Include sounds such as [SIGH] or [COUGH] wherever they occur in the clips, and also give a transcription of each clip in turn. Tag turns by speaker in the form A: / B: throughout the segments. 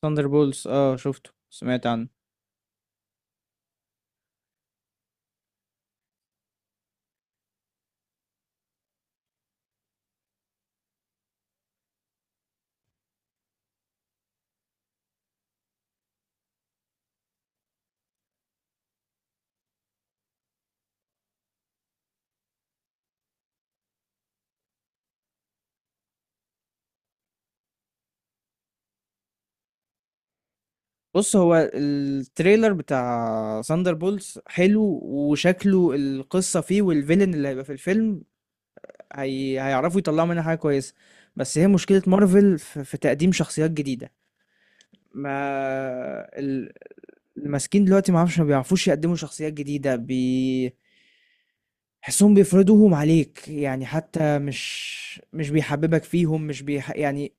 A: ثاندر بولز، اه، شفته. سمعت عنه. بص، هو التريلر بتاع ثاندر بولز حلو، وشكله القصة فيه والفيلن اللي هيبقى في الفيلم هيعرفوا يطلعوا منها حاجة كويسة. بس هي مشكلة مارفل في تقديم شخصيات جديدة. ما ال- الماسكين دلوقتي ما عارفش ما بيعرفوش يقدموا شخصيات جديدة حسهم بيفرضوهم عليك، يعني حتى مش بيحببك فيهم، مش بيح... يعني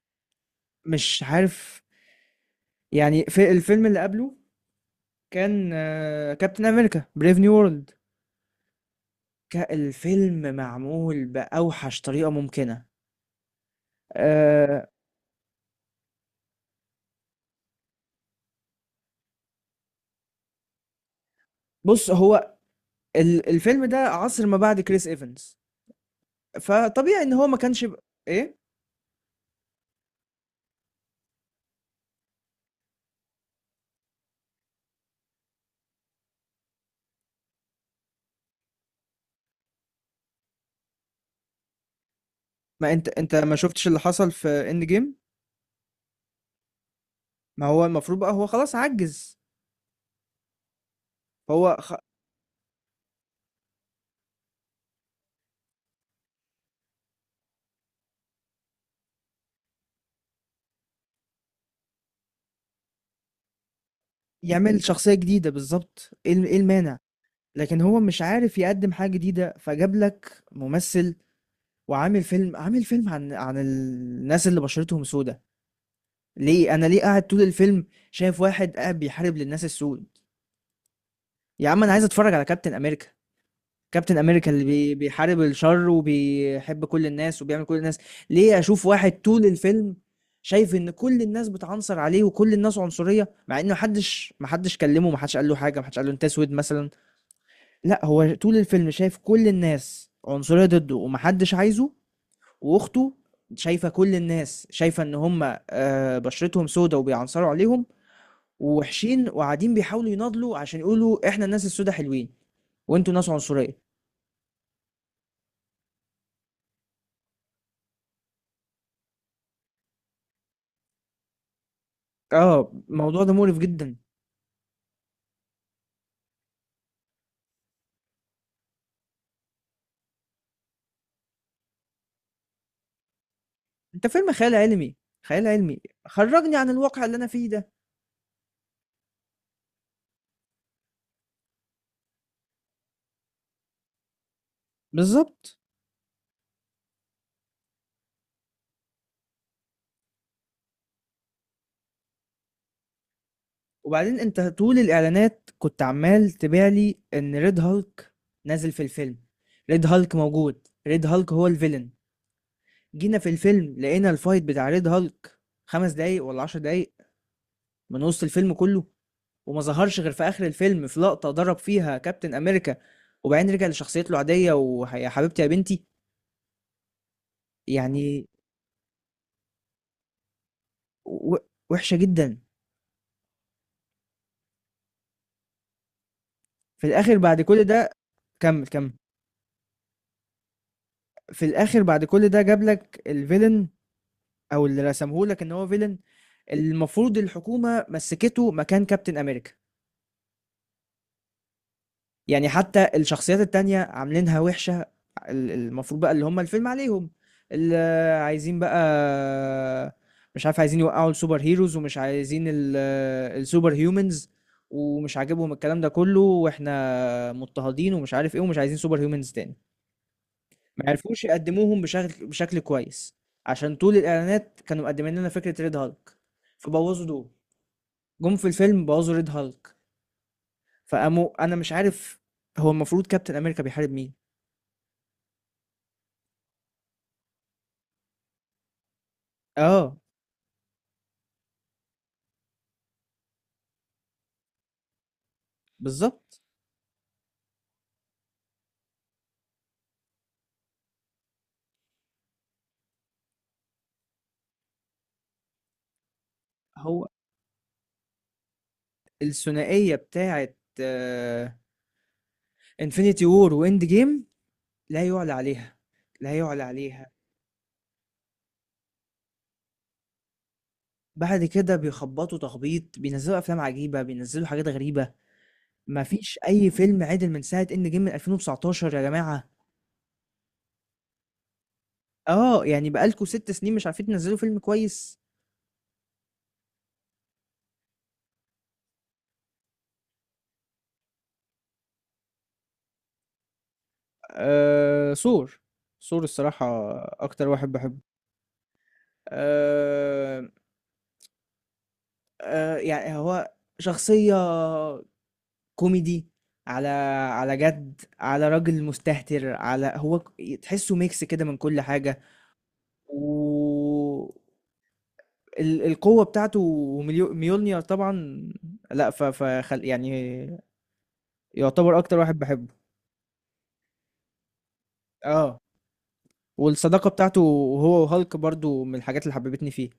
A: مش عارف. يعني في الفيلم اللي قبله كان كابتن امريكا بريف نيو وورلد. الفيلم معمول باوحش طريقه ممكنه. آه، بص، هو الفيلم ده عصر ما بعد كريس ايفنز، فطبيعي ان هو ما كانش ايه. ما انت ما شفتش اللي حصل في اند جيم. ما هو المفروض بقى هو خلاص عجز. فهو خ... يعمل شخصيه جديده بالظبط. إيه المانع؟ لكن هو مش عارف يقدم حاجه جديده، فجاب لك ممثل وعامل فيلم عن الناس اللي بشرتهم سودة. ليه انا ليه قاعد طول الفيلم شايف واحد قاعد بيحارب للناس السود؟ يا عم، انا عايز اتفرج على كابتن امريكا. كابتن امريكا اللي بيحارب الشر وبيحب كل الناس وبيعمل كل الناس. ليه اشوف واحد طول الفيلم شايف ان كل الناس بتعنصر عليه وكل الناس عنصرية، مع ان محدش كلمه، محدش قال له حاجة، محدش قال له انت اسود مثلا؟ لا، هو طول الفيلم شايف كل الناس عنصرية ضده ومحدش عايزه. واخته شايفه كل الناس، شايفه ان هم بشرتهم سودة وبيعنصروا عليهم ووحشين، وقاعدين بيحاولوا يناضلوا عشان يقولوا احنا الناس السودة حلوين وانتوا ناس عنصريه. اه، الموضوع ده مقرف جدا. انت فيلم خيال علمي، خيال علمي، خرجني عن الواقع اللي انا فيه ده. بالظبط. وبعدين انت طول الاعلانات كنت عمال تبيع لي ان ريد هالك نازل في الفيلم. ريد هالك موجود، ريد هالك هو الفيلن. جينا في الفيلم لقينا الفايت بتاع ريد هالك خمس دقايق ولا عشر دقايق من وسط الفيلم كله، وما ظهرش غير في اخر الفيلم في لقطة ضرب فيها كابتن امريكا، وبعدين رجع لشخصيته العادية ويا حبيبتي يا بنتي. يعني و- وحشة جدا. في الاخر بعد كل ده. كمل كمل. في الاخر بعد كل ده جاب لك الفيلن، او اللي رسمه لك ان هو فيلن، المفروض الحكومة مسكته مكان كابتن امريكا. يعني حتى الشخصيات التانية عاملينها وحشة. ال- المفروض بقى اللي هم الفيلم عليهم، اللي عايزين بقى، مش عارف، عايزين يوقعوا السوبر هيروز ومش عايزين السوبر هيومنز، ومش عاجبهم الكلام ده كله، واحنا مضطهدين ومش عارف ايه، ومش عايزين سوبر هيومنز تاني. ما عرفوش يقدموهم بشكل كويس، عشان طول الاعلانات كانوا مقدمين لنا فكرة ريد هالك فبوظوا دول. جم في الفيلم بوظوا ريد هالك فقاموا. انا مش عارف، هو المفروض كابتن امريكا بيحارب مين؟ آه، بالضبط. هو الثنائية بتاعة آآ Infinity War وEnd Game لا يُعلى عليها، لا يُعلى عليها. بعد كده بيخبّطوا تخبيط، بينزّلوا أفلام عجيبة، بينزّلوا حاجات غريبة، ما فيش أي فيلم عِدِل من ساعة End Game من 2019 يا جماعة. يعني بقى لكم 6 سنين مش عارفين تنزّلوا فيلم كويس. Thor، Thor الصراحة أكتر واحد باحبه. آآ يعني هو شخصية كوميدي، على على جد، على راجل مستهتر، على هو تحسه ميكس كده من كل حاجة، و القوة بتاعته وميليو- ميولنير طبعا. لا، يعني يعتبر اكتر واحد بحبه. اه، والصداقة بتاعته، هو وهالك، برضو من الحاجات اللي حببتني فيه.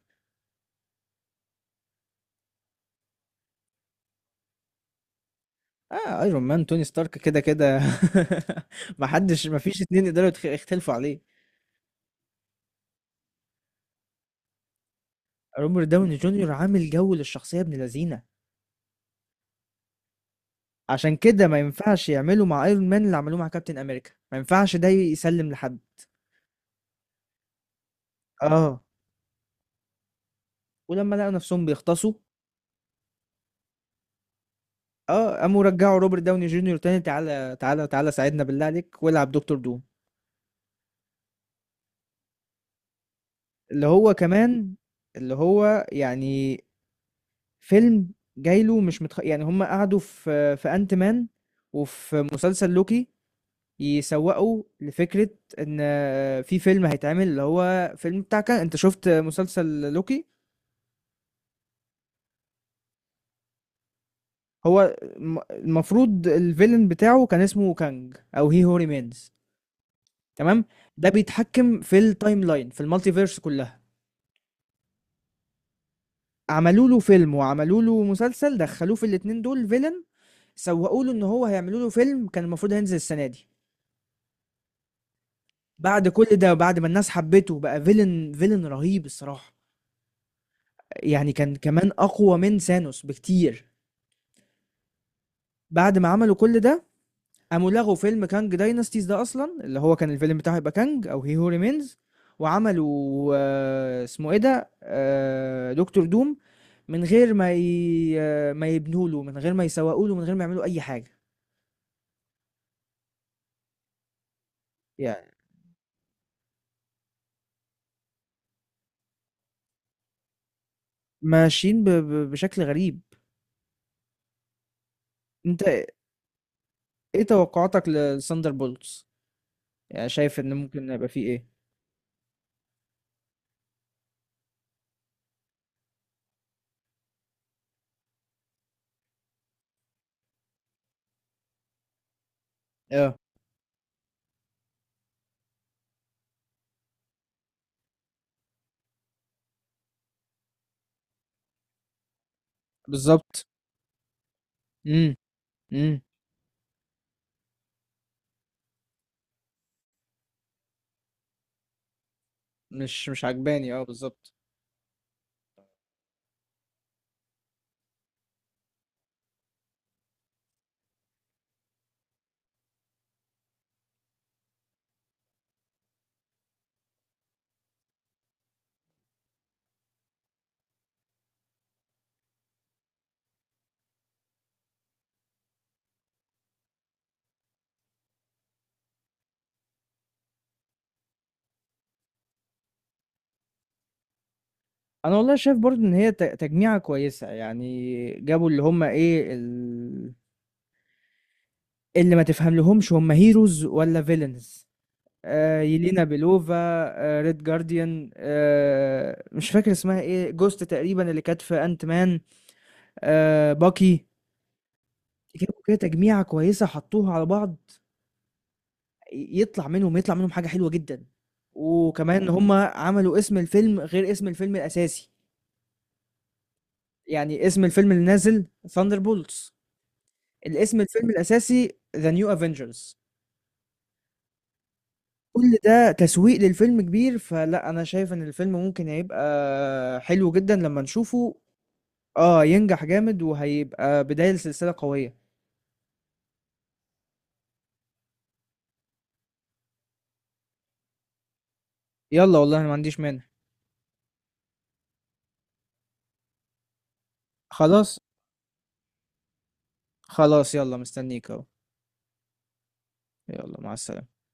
A: اه، ايرون مان، توني ستارك كده كده [LAUGHS] محدش، مفيش اتنين يقدروا يختلفوا عليه. روبرت داوني جونيور عامل جو للشخصية ابن لذينة. عشان كده ما ينفعش يعملوا مع Iron Man اللي عملوه مع Captain America، ما ينفعش ده يسلِّم لحد. آه، ولمّا لقوا نَفْسهم بيغطسوا، قاموا رجّعوا Robert Downey Junior تاني: تعالَ، تعالَ، تعالَ، ساعدنا بالله عليك والعب دكتور دوم. اللي هو كمان، اللي هو يعني فيلم جاي له مش متخ، يعني هم قعدوا في Ant Man وفي مسلسل لوكي يسوّقوا لفكرة إن في فيلم هيتعمل اللي هو فيلم بتاع ك، أنت شُفت مسلسل لوكي؟ هو المفروض الفيلن بتاعه كان اسمه كانج او هي هو ريمينز. تمام. ده بيتحكم في التايم لاين في المالتي فيرس كلها. عملوا له فيلم وعملوا له مسلسل، دخلوه في الاتنين دول فيلن، سوقوا له ان هو هيعملوا له فيلم كان المفروض هينزل السنه دي. بعد كل ده، بعد ما الناس حبته، بقى فيلن، فيلن رهيب الصراحه، يعني كان كمان اقوى من سانوس بكتير. بعد ما عملوا كل ده، قاموا لغوا فيلم كانج داينستيز ده اصلا اللي هو كان الفيلم بتاعه يبقى كانج او هي هو ريمينز. وعملوا، اسمه ايه ده، دكتور دوم، من غير ما ي... آه، ما يبنوا له، من غير ما يسوقوا له، من غير ما يعملوا اي حاجه. يعني ماشيين بشكل غريب. انت ايه توقعاتك لساندر بولتس؟ يعني شايف ان ممكن يبقى فيه ايه؟ اه، بالظبط. امم. امم. مش عجباني، اه بالظبط. انا والله شايف برضو ان هي تجميعة كويسة، يعني جابوا اللي هم ايه اللي ما تفهم لهمش هم هيروز ولا فيلنز. يلينا بيلوفا، ريد جارديان، مش فاكر اسمها ايه، جوست تقريبا اللي كانت في انت مان، باكي. جابوا كده تجميعة كويسة، حطوها على بعض، يطلع منهم حاجة حلوة جدا. وكمان هم عملوا اسم الفيلم غير اسم الفيلم الاساسي، يعني اسم الفيلم اللي نازل ثاندر، الاسم الفيلم الاساسي ذا نيو افنجرز. كل ده تسويق للفيلم كبير، فلا، انا شايف ان الفيلم ممكن هيبقى حلو جدا لما نشوفه. اه، ينجح جامد وهيبقى بداية لسلسلة قوية. يلا والله انا ما عنديش مانع. خلاص. خلاص، يلا، مستنيك اهو. يلا مع السلامة.